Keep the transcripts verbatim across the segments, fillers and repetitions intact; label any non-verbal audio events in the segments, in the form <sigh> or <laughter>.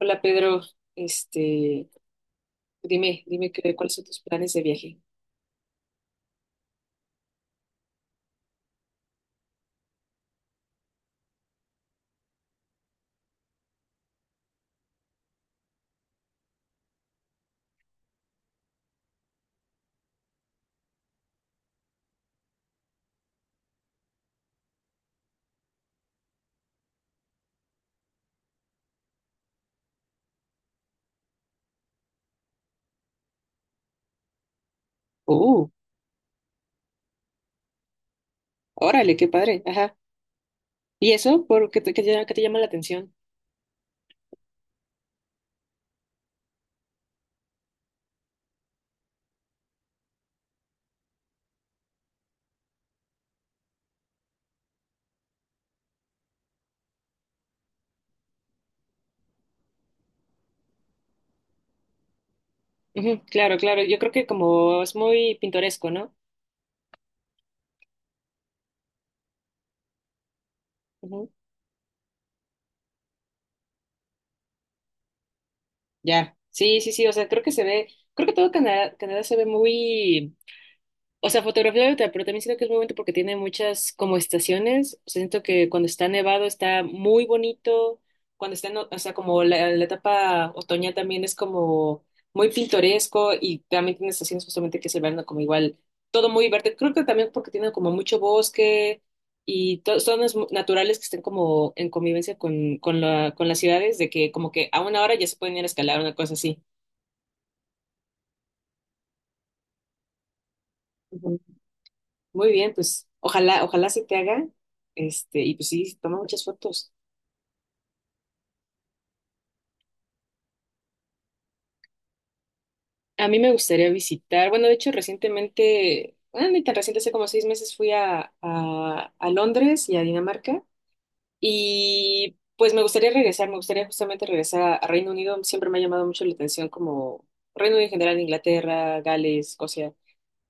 Hola Pedro, este, dime, dime qué- cuáles son tus planes de viaje. Uh, Órale, qué padre, ajá. ¿Y eso? ¿Por qué te, qué te- qué te llama la atención? Ujú, claro, claro, yo creo que como es muy pintoresco, ¿no? Ujú. Ya, sí, sí, sí, o sea, creo que se ve, creo que todo Canadá, Canadá se ve muy. O sea, fotografía de otra, pero también siento que es muy bonito porque tiene muchas como estaciones. O sea, siento que cuando está nevado está muy bonito. Cuando está, en o o sea, como la, la etapa otoñal también es como muy pintoresco, y también tiene estaciones justamente que es el verano como igual, todo muy verde. Creo que también porque tiene como mucho bosque y to- zonas mu- naturales que estén como en convivencia con, con la, con las ciudades, de que como que a una hora ya se pueden ir a escalar, una cosa así. Muy bien, pues ojalá, ojalá se te haga. Este, y pues sí, toma muchas fotos. A mí me gustaría visitar, bueno, de hecho recientemente, bueno, ni tan reciente, hace como seis meses fui a, a, a Londres y a Dinamarca, y pues me gustaría regresar, me gustaría justamente regresar a, a Reino Unido. Siempre me ha llamado mucho la atención como Reino Unido en general, Inglaterra, Gales, Escocia.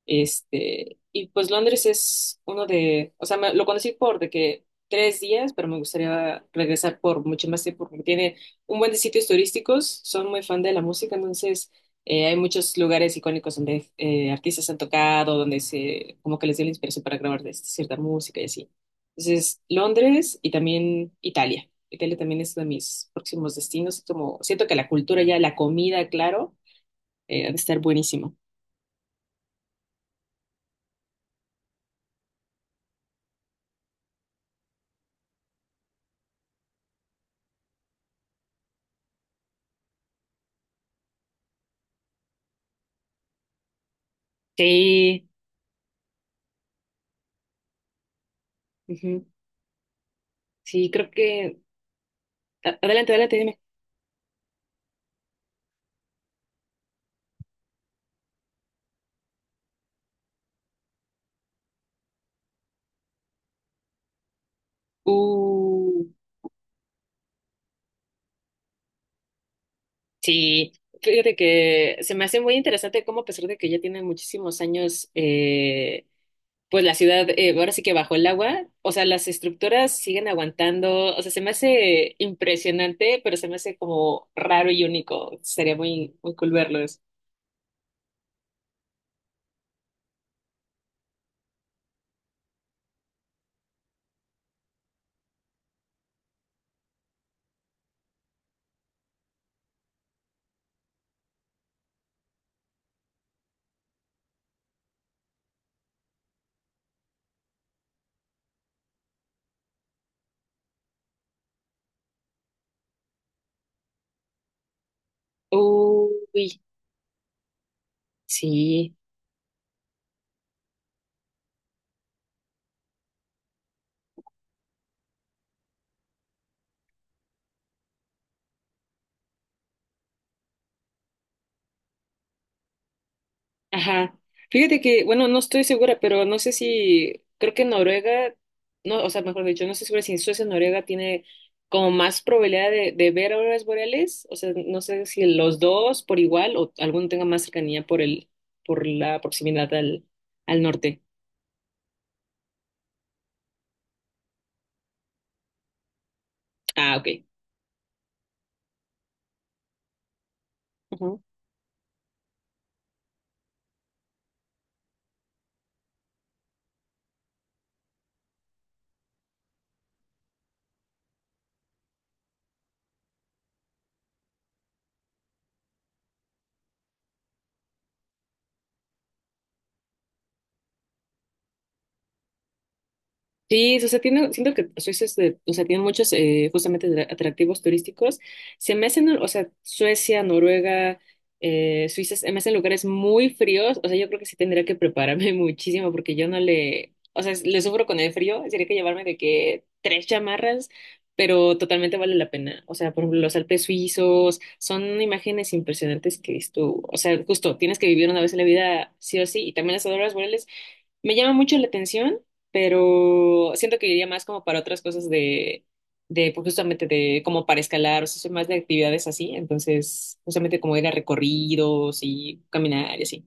Este, y pues Londres es uno de, o sea, me- lo conocí por de que tres días, pero me gustaría regresar por mucho más tiempo porque tiene un buen de sitios turísticos, son muy fan de la música. Entonces eh, hay muchos lugares icónicos donde, eh, artistas han tocado, donde se, como que les dio la inspiración para grabar, de- este, cierta música y así. Entonces, Londres y también Italia. Italia también es uno de mis próximos destinos, como siento que la cultura ya, la comida, claro, eh, ha de estar buenísimo. Sí. Ujú. Sí, creo que. a- Adelante, adelante, dime. Uh, sí, fíjate que se me hace muy interesante cómo a pesar de que ya tiene muchísimos años, eh, pues la ciudad, eh, ahora sí que bajo el agua, o sea, las estructuras siguen aguantando, o sea, se me hace impresionante, pero se me hace como raro y único. Sería muy, muy cool verlos. Uy, sí. Ajá. Fíjate que, bueno, no estoy segura, pero no sé si, creo que Noruega, no, o sea, mejor dicho, no estoy segura si Suecia o Noruega tiene como más probabilidad de, de ver auroras boreales, o sea, no sé si los dos por igual o alguno tenga más cercanía por el, por la proximidad al, al norte. Ah, ok. Sí, o sea, tiene, siento que Suecia es, de- o sea, tiene muchos, eh, justamente, de- atractivos turísticos. Se me hacen, o sea, Suecia, Noruega, eh, Suiza, se me hacen lugares muy fríos. O sea, yo creo que sí tendría que prepararme <laughs> muchísimo porque yo no le, o sea, le sufro con el frío. Tendría que llevarme de que tres chamarras, pero totalmente vale la pena. O sea, por ejemplo, los Alpes suizos son imágenes impresionantes que es tú, o sea, justo tienes que vivir una vez en la vida sí o sí. Y también las auroras boreales me llama mucho la atención, pero siento que iría más como para otras cosas de, de pues, justamente de como para escalar, o sea, soy más de actividades así, entonces justamente como ir a recorridos y caminar y así.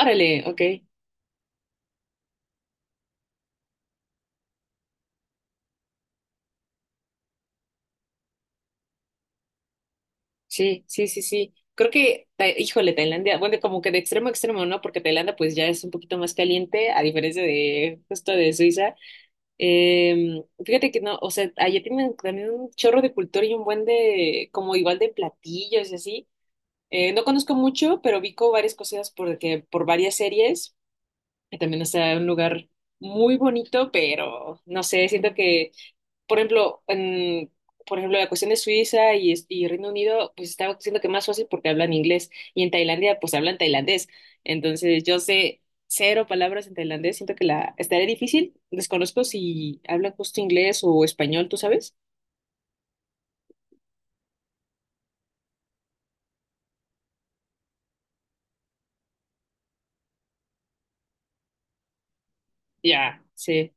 Órale, ok, sí, sí, sí, sí. Creo que, Ta- híjole, Tailandia, bueno, como que de extremo a extremo, ¿no? Porque Tailandia pues ya es un poquito más caliente, a diferencia de justo de Suiza. Em, fíjate que no, o sea, allá tienen también un chorro de cultura y un buen de, como igual de platillos y así. Eh, no conozco mucho, pero vi como varias cosas porque, por varias series, que también está un lugar muy bonito, pero no sé, siento que por ejemplo, en, por ejemplo, la cuestión de Suiza y, es- y Reino Unido, pues estaba diciendo que más fácil porque hablan inglés, y en Tailandia, pues hablan tailandés. Entonces, yo sé cero palabras en tailandés, siento que la estaría difícil. Desconozco si hablan justo inglés o español, ¿tú sabes? Ya, sí.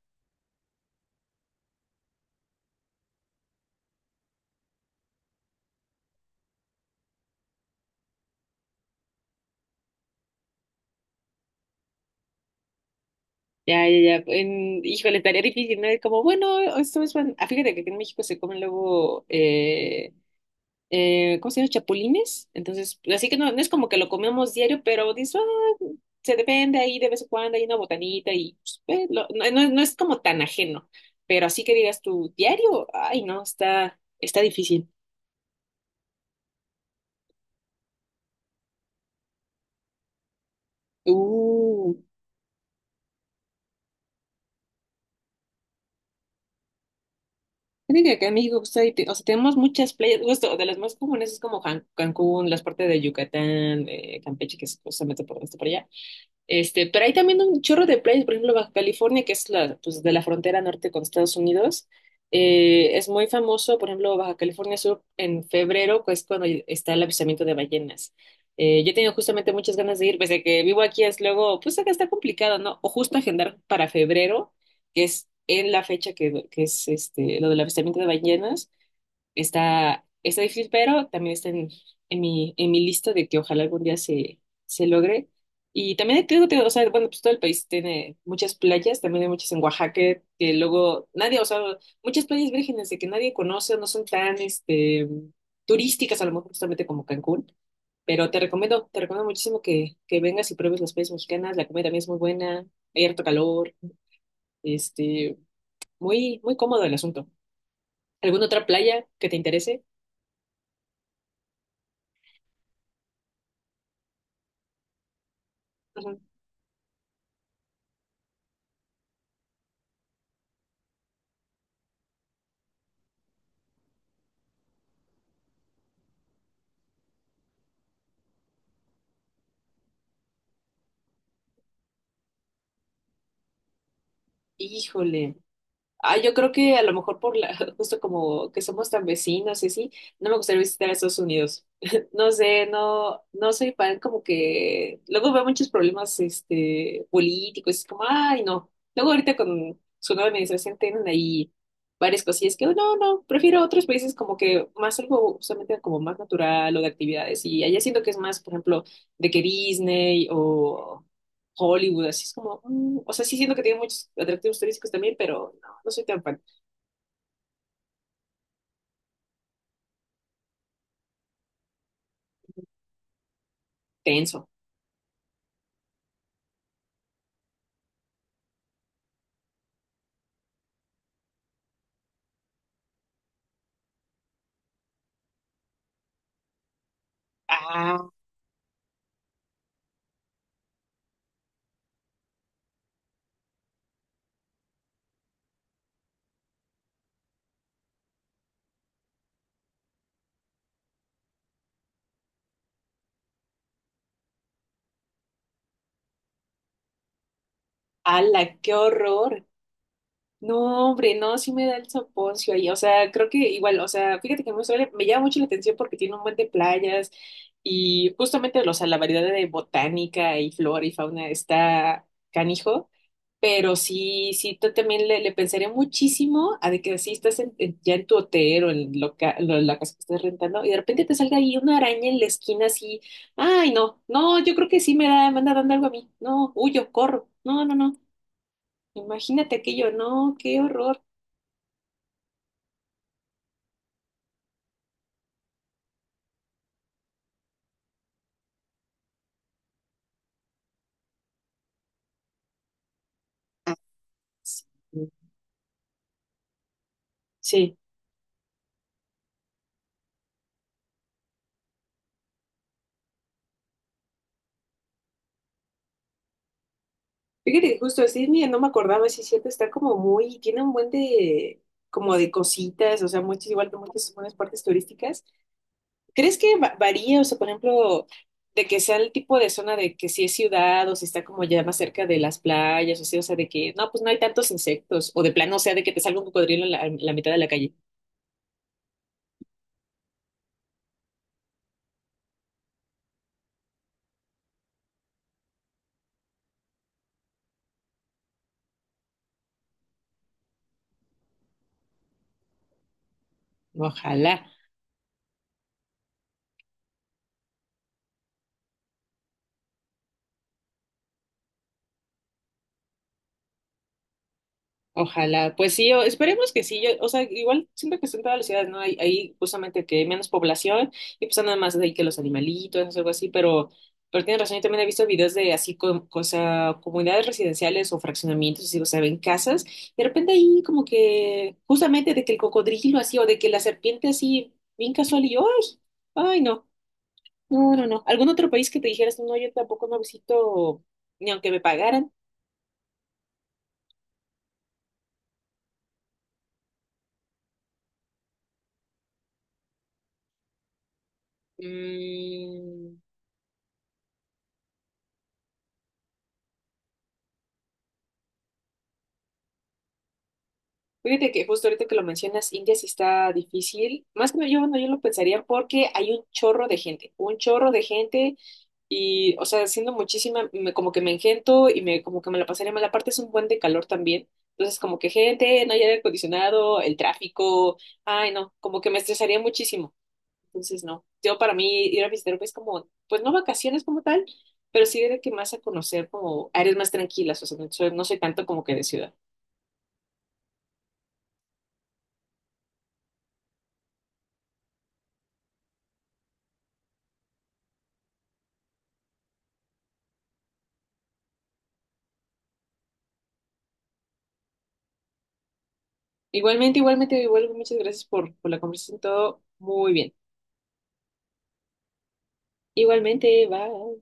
Ya, ya, ya. En, híjole, estaría difícil, ¿no? Y como, bueno, esto es. buen- Ah, fíjate que aquí en México se comen luego. Eh, eh, ¿cómo se llama? Chapulines. Entonces, así que no, no es como que lo comemos diario, pero dices, "Ah, se depende ahí de vez en cuando, hay una botanita y pues, ve, lo- no, no- no es como tan ajeno, pero así que digas tu diario, ay no, está, está difícil". Uh, Creo que acá en México, justo ahí, te- o sea, tenemos muchas playas, justo de las más comunes es como, Jan- Cancún, las partes de Yucatán, eh, Campeche, que es justamente por, está por allá. Este, pero hay también un chorro de playas, por ejemplo, Baja California, que es la, pues, de la frontera norte con Estados Unidos. Eh, es muy famoso, por ejemplo, Baja California Sur en febrero, que es cuando está el avistamiento de ballenas. Eh, yo he tenido justamente muchas ganas de ir, pese a que vivo aquí, es luego, pues acá está complicado, ¿no? O justo agendar para febrero, que es en la fecha que, que es, este, lo del avistamiento de ballenas está, está difícil, pero también está en, en mi, en mi lista de que ojalá algún día se, se logre. Y también te digo, te digo, o sea, bueno, pues todo el país tiene muchas playas. También hay muchas en Oaxaca que luego nadie, o sea, muchas playas vírgenes de que nadie conoce, no son tan, este, turísticas, a lo mejor justamente como Cancún. Pero te recomiendo, te recomiendo muchísimo que, que vengas y pruebes las playas mexicanas, la comida también es muy buena, hay harto calor. este, Muy, muy cómodo el asunto. ¿Alguna otra playa que te interese? Ujú. Híjole. Ah, yo creo que a lo mejor por la, <laughs> justo como que somos tan vecinos y así, no me gustaría visitar a Estados Unidos. <laughs> No sé, no, no soy fan, como que luego veo muchos problemas, este políticos, es como, ay no. Luego ahorita con su nueva administración tienen ahí varias cosillas que, "Oh, no, no, prefiero otros países", como que más algo justamente como más natural o de actividades. Y allá siento que es más, por ejemplo, de que Disney o Hollywood, así es como. Mm, o sea, sí siento que tiene muchos atractivos turísticos también, pero no, no soy tan fan. Tenso. Ah, ala, qué horror. No, hombre, no, sí me da el soponcio ahí. O sea, creo que igual, o sea, fíjate que me, me llama mucho la atención porque tiene un buen de playas, y justamente, o sea, la variedad de botánica y flora y fauna está canijo. Pero sí, sí, tú también le, le pensaría muchísimo a de que si estás, en- en- ya en tu hotel o en, loca- lo- la casa que estés rentando, y de repente te salga ahí una araña en la esquina así. Ay, no, no, yo creo que sí me da, me anda dando algo a mí, no, huyo, corro, no, no, no, imagínate aquello, no, qué horror. Ah, sí, sí. Fíjate que justo así, mira, no me acordaba, sí, cierto, está como muy, tiene un buen de, como de cositas, o sea, muchas, igual que muchas buenas partes turísticas. ¿Crees que va- varía? O sea, por ejemplo, de que sea el tipo de zona, de que si es ciudad o si está como ya más cerca de las playas, o sea, o sea, de que no, pues no hay tantos insectos, o de plano, o sea, de que te salga un cocodrilo en la, en la mitad de la calle. No, ojalá. Ojalá, pues sí, o- esperemos que sí, yo, o sea, igual siento que son todas las ciudades, ¿no? Hay, hay justamente que hay menos población y pues nada más de ahí que los animalitos, algo así, pero, pero tienes razón. Yo también he visto videos de así, con, o sea, comunidades residenciales o fraccionamientos, así, o sea, ven casas, y de repente ahí como que, justamente de que el cocodrilo así, o de que la serpiente así, bien casual, y yo, ay, ay, no, no, no, no, algún otro país que te dijeras, no, yo tampoco no visito, ni aunque me pagaran. Mm, Fíjate que justo ahorita que lo mencionas, India sí está difícil. Más que yo, bueno, yo lo pensaría porque hay un chorro de gente, un chorro de gente, y, o sea, siendo muchísima, me- como que me engento y me como que me la pasaría mal. Aparte es un buen de calor también. Entonces, como que gente, no hay aire acondicionado, el tráfico, ay, no, como que me estresaría muchísimo. Entonces, no. Yo para mí ir a visitar es como, pues no vacaciones como tal, pero sí de que más a conocer como áreas más tranquilas, o sea, no soy, no soy tanto como que de ciudad. Igualmente, igualmente, igual, muchas gracias por, por la conversación, todo muy bien. Igualmente, bye.